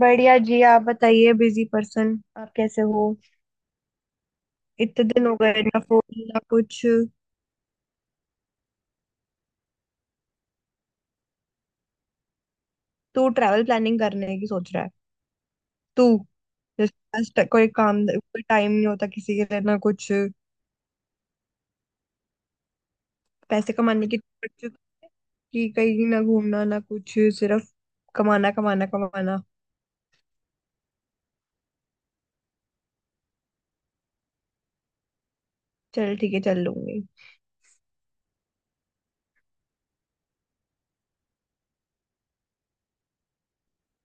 बढ़िया जी। आप बताइए बिजी पर्सन। आप कैसे हो? इतने दिन हो गए ना, फोन ना कुछ। तू ट्रैवल प्लानिंग करने की सोच रहा है? तू, जिसके पास कोई काम, कोई टाइम नहीं होता किसी के लिए ना कुछ। पैसे कमाने की सोच, कि कहीं ना घूमना ना कुछ, सिर्फ कमाना कमाना कमाना। चल ठीक है, चल लूंगी।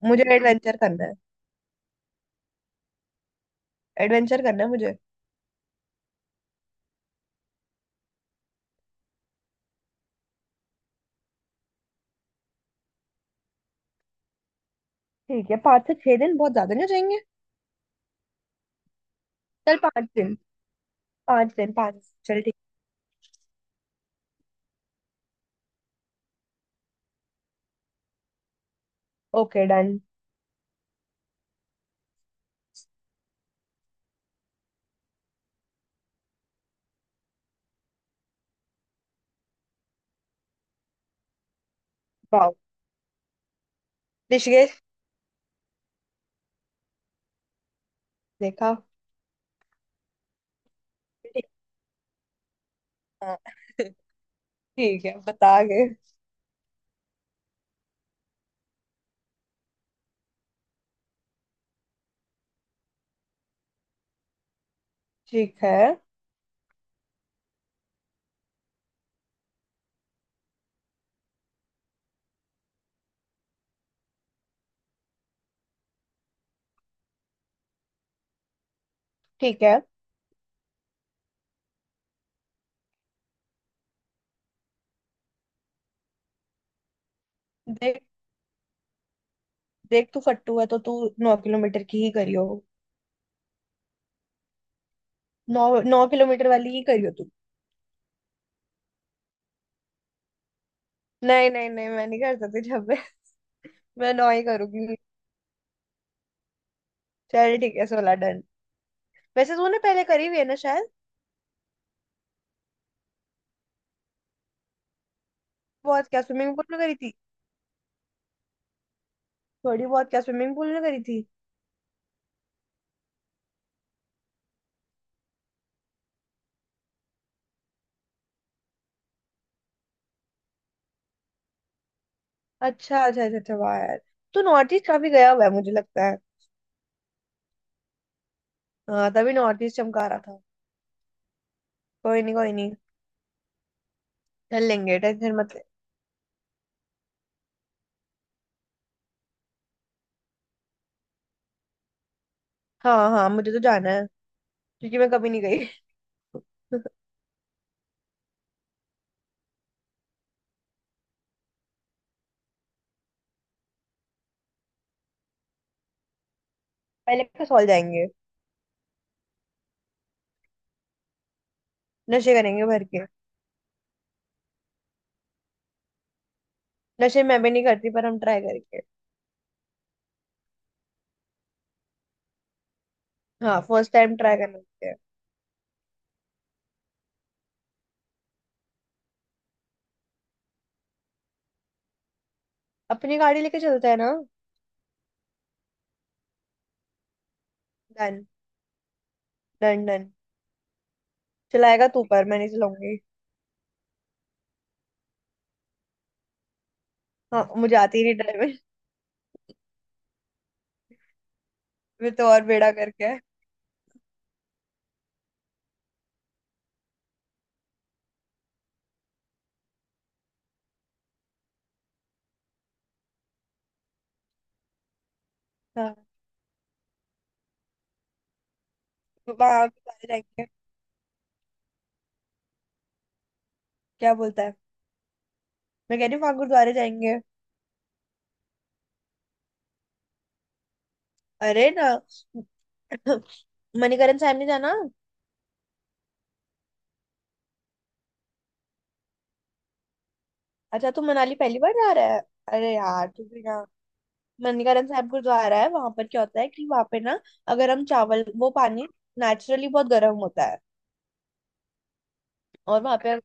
मुझे एडवेंचर करना है। एडवेंचर करना है मुझे। ठीक है, 5 से 6 दिन बहुत ज्यादा नहीं हो जाएंगे? चल 5 दिन। 5 दिन पाँच। चल ठीक। Okay done. वाह। ऋषिकेश। देखा। हाँ, ठीक है, बता गए। ठीक है। ठीक है। देख, देख तू फट्टू है तो तू 9 किलोमीटर की ही करियो। नौ। 9 किलोमीटर वाली ही करियो तू। नहीं नहीं नहीं, मैं नहीं कर सकती जब मैं। मैं नौ ही करूंगी। चल ठीक है, 16 डन। वैसे तूने पहले करी हुई है ना शायद? बहुत क्या स्विमिंग पूल में करी थी? थोड़ी बहुत क्या स्विमिंग पूल में करी थी? अच्छा अच्छा अच्छा अच्छा, वाह यार। तू नॉर्थ ईस्ट काफी गया हुआ है मुझे लगता है। हाँ तभी नॉर्थ ईस्ट चमका रहा था। कोई नहीं कोई नहीं। चल लेंगे, टेंशन मत ले। हाँ हाँ, मुझे तो जाना है, क्योंकि मैं कभी नहीं गई। पहले कसौल जाएंगे। नशे करेंगे भर के। नशे मैं भी नहीं करती, पर हम ट्राई करके। हाँ, फर्स्ट टाइम ट्राई करते हैं। अपनी गाड़ी लेके चलते हैं ना। डन। Done done. चलाएगा तू, पर मैं नहीं चलाऊंगी। हाँ, मुझे आती ही नहीं ड्राइविंग। मैं तो और बेड़ा करके। हाँ, वहां गुरुद्वारे जाएंगे। क्या बोलता है? मैं कह रही हूँ वहां गुरुद्वारे जाएंगे। अरे ना। मणिकरण साहब नहीं जाना? अच्छा तू मनाली पहली बार जा रहा है? अरे यार तू भी ना। ननकानंद साहब गुरुद्वारा है वहां पर। क्या होता है कि वहां पे ना, अगर हम चावल वो पानी, नेचुरली बहुत गर्म होता है। और वहां पे,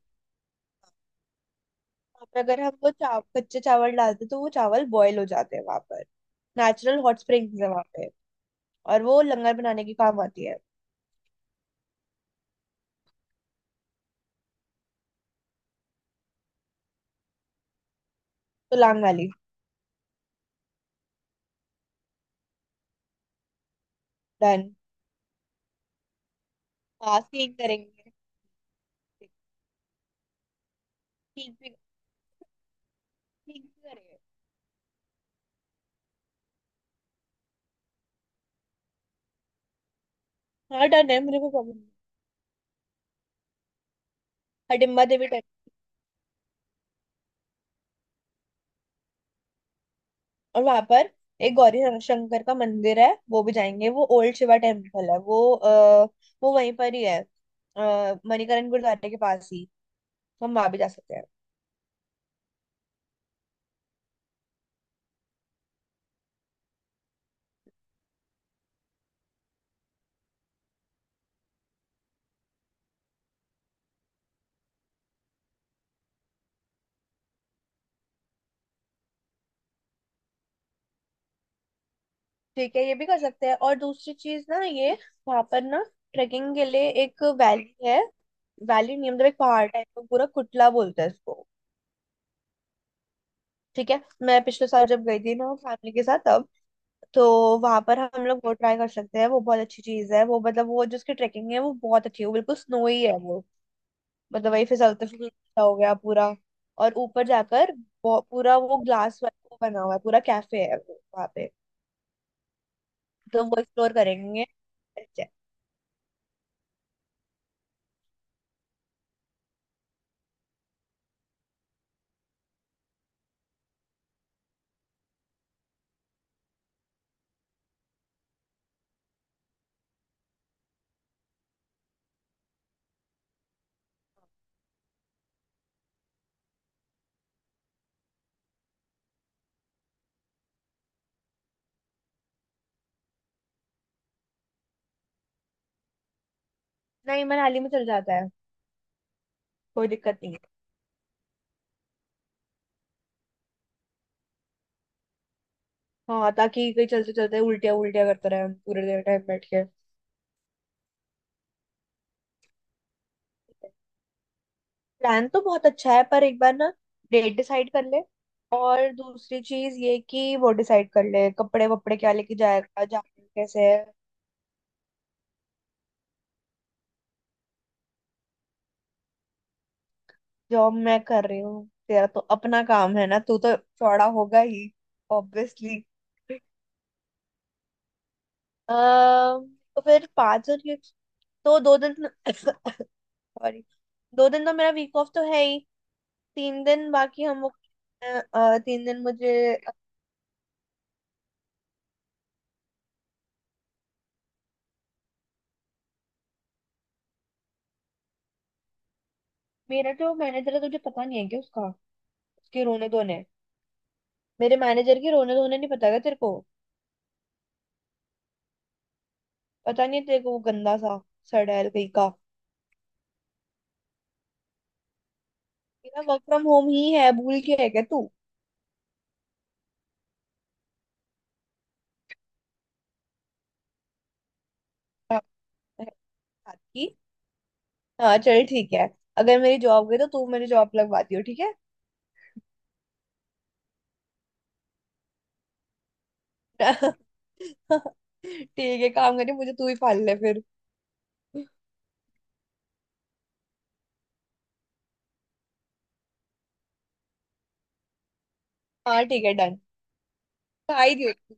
वहाँ पे अगर हम वो कच्चे चावल डालते तो वो चावल बॉयल हो जाते हैं वहां पर। नेचुरल हॉट स्प्रिंग्स है वहां पे, और वो लंगर बनाने के काम आती है। तो लांग वाली। डन। हाँ सीख करेंगे। ठीक भी। ठीक भी करेंगे। हाँ डन है, मेरे को प्रॉब्लम। हडिम्बा देवी। और वहां पर एक गौरी शंकर का मंदिर है, वो भी जाएंगे। वो ओल्ड शिवा टेम्पल है। वो वहीं पर ही है, मणिकरण गुरुद्वारे के पास ही। तो हम वहां भी जा सकते हैं। ठीक है, ये भी कर सकते हैं। और दूसरी चीज ना ये, वहां पर ना ट्रेकिंग के लिए एक वैली है। वैली नहीं मतलब एक पहाड़ टाइप का पूरा, कुटला बोलते हैं इसको। ठीक है। मैं पिछले साल जब गई थी ना फैमिली के साथ, तब तो वहां पर हम लोग वो ट्राई कर सकते हैं। वो बहुत अच्छी चीज है वो। मतलब वो जो उसकी ट्रेकिंग है वो बहुत अच्छी है। वो बिल्कुल स्नोई है वो। मतलब वही फिसलते सा हो गया पूरा। और ऊपर जाकर पूरा वो ग्लास वो बना हुआ है। पूरा कैफे है वो वहाँ पे। तो वो एक्सप्लोर करेंगे। अच्छा। नहीं मनाली में चल जाता है, कोई दिक्कत नहीं है। हाँ, ताकि कहीं चलते चलते उल्टिया उल्टिया करते रहे हम पूरे देर टाइम बैठ के। प्लान तो बहुत अच्छा है, पर एक बार ना डेट डिसाइड कर ले। और दूसरी चीज ये कि वो डिसाइड कर ले कपड़े वपड़े क्या लेके जाएगा, जाना कैसे है। जॉब मैं कर रही हूँ, तेरा तो अपना काम है ना, तू तो चौड़ा होगा ही। ऑब्वियसली। तो फिर पाँच और तो 2 दिन सॉरी, 2 दिन तो मेरा वीक ऑफ तो है ही। तीन दिन बाकी हम लोग, अ, 3 दिन मुझे। मेरा जो मैनेजर है तुझे पता नहीं है क्या उसका, उसके रोने धोने? मेरे मैनेजर के रोने धोने नहीं पता क्या तेरे को? पता नहीं है तेरे को, वो गंदा सा, सड़ैल कहीं का। मेरा वर्क फ्रॉम होम ही है, भूल के है क्या तू? अ, है बात की। हाँ चल ठीक है। अगर मेरी जॉब गई तो तू मेरी जॉब लगवा दियो, ठीक है। ठीक है, काम करिए, मुझे तू ही पाल ले फिर। हाँ ठीक है डन। सिखा ही दियो तू।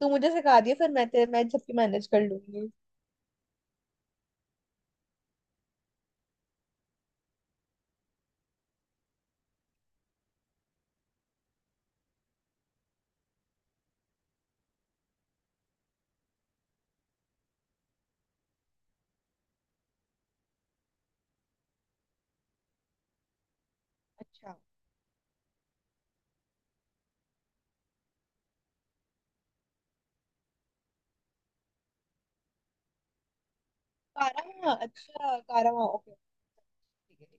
तू मुझे सिखा दियो, फिर मैं तेरे मैं सबकी मैनेज कर लूंगी। अच्छा कारा, अच्छा कारा, ओके। ठीक है। ठीक है।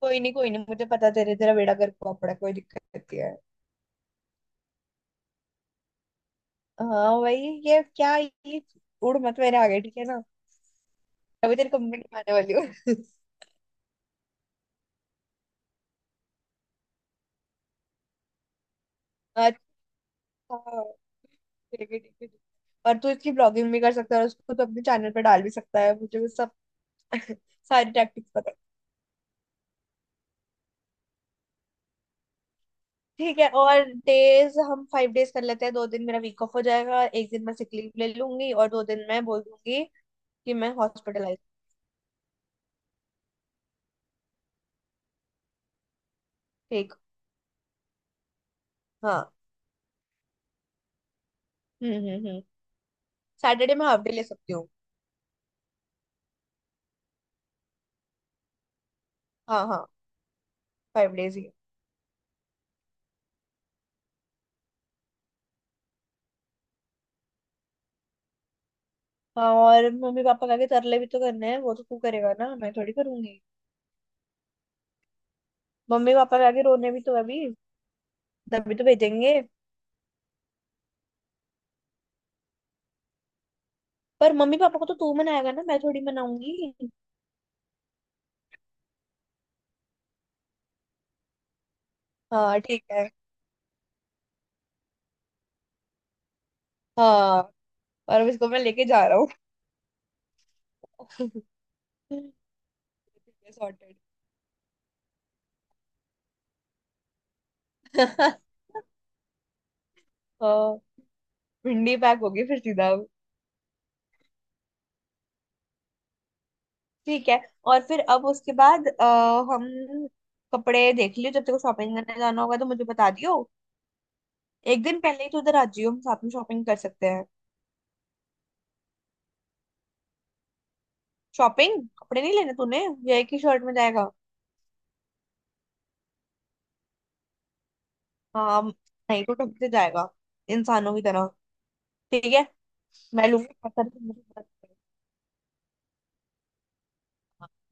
कोई नहीं कोई नहीं, मुझे पता, तेरे, तेरा बेड़ा गर्क हुआ पड़ा है, कोई दिक्कत नहीं है। हाँ भाई। ये क्या ये, उड़ मत मेरे आगे ठीक है ना। अभी तेरी कंप्लेंट आने वाली हो। हाँ। हाँ। ठीक है ठीक है ठीक है। और तू इसकी ब्लॉगिंग भी कर सकता है, और उसको तो अपने चैनल पे डाल भी सकता है, मुझे वो सब सारी टैक्टिक्स पता है। ठीक है, और डेज हम 5 days कर लेते हैं। दो दिन मेरा वीक ऑफ हो जाएगा, 1 दिन मैं सिक लीव ले लूंगी, और 2 दिन मैं बोल दूंगी कि मैं हॉस्पिटलाइज। ठीक। हाँ। हम्म। सैटरडे मैं हाफ डे ले सकती हूँ। हाँ हाँ, 5 days ही। हाँ, और मम्मी पापा का आगे तरले भी तो करने हैं, वो तो तू करेगा ना, मैं थोड़ी करूंगी? मम्मी पापा के आगे रोने भी तो अभी, तभी तो भेजेंगे। पर मम्मी पापा को तो तू मनाएगा ना, मैं थोड़ी मनाऊंगी? हाँ ठीक है। हाँ, और अब इसको मैं लेके जा रहा हूँ। सॉर्टेड। हाँ। भिंडी पैक होगी फिर सीधा अब। ठीक है। और फिर अब उसके बाद हम कपड़े देख लियो, जब तेरे को शॉपिंग करने जाना होगा तो मुझे बता दियो। एक दिन पहले ही तो उधर आ जियो, हम साथ में शॉपिंग कर सकते हैं। शॉपिंग, कपड़े नहीं लेने तूने? या एक ही शर्ट में जाएगा? हाँ, नहीं तो ढंग से जाएगा, इंसानों की तरह। ठीक है, मैं लूंगी बहुत सारे।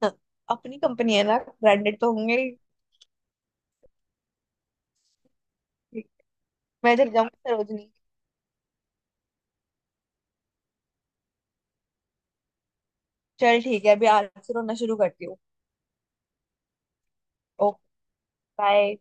हाँ, अपनी कंपनी है ना, ब्रांडेड तो होंगे ही। मैं इधर जाऊंगी सरोजनी। चल ठीक है, अभी आज से रोना शुरू करती हूँ। ओके। बाय।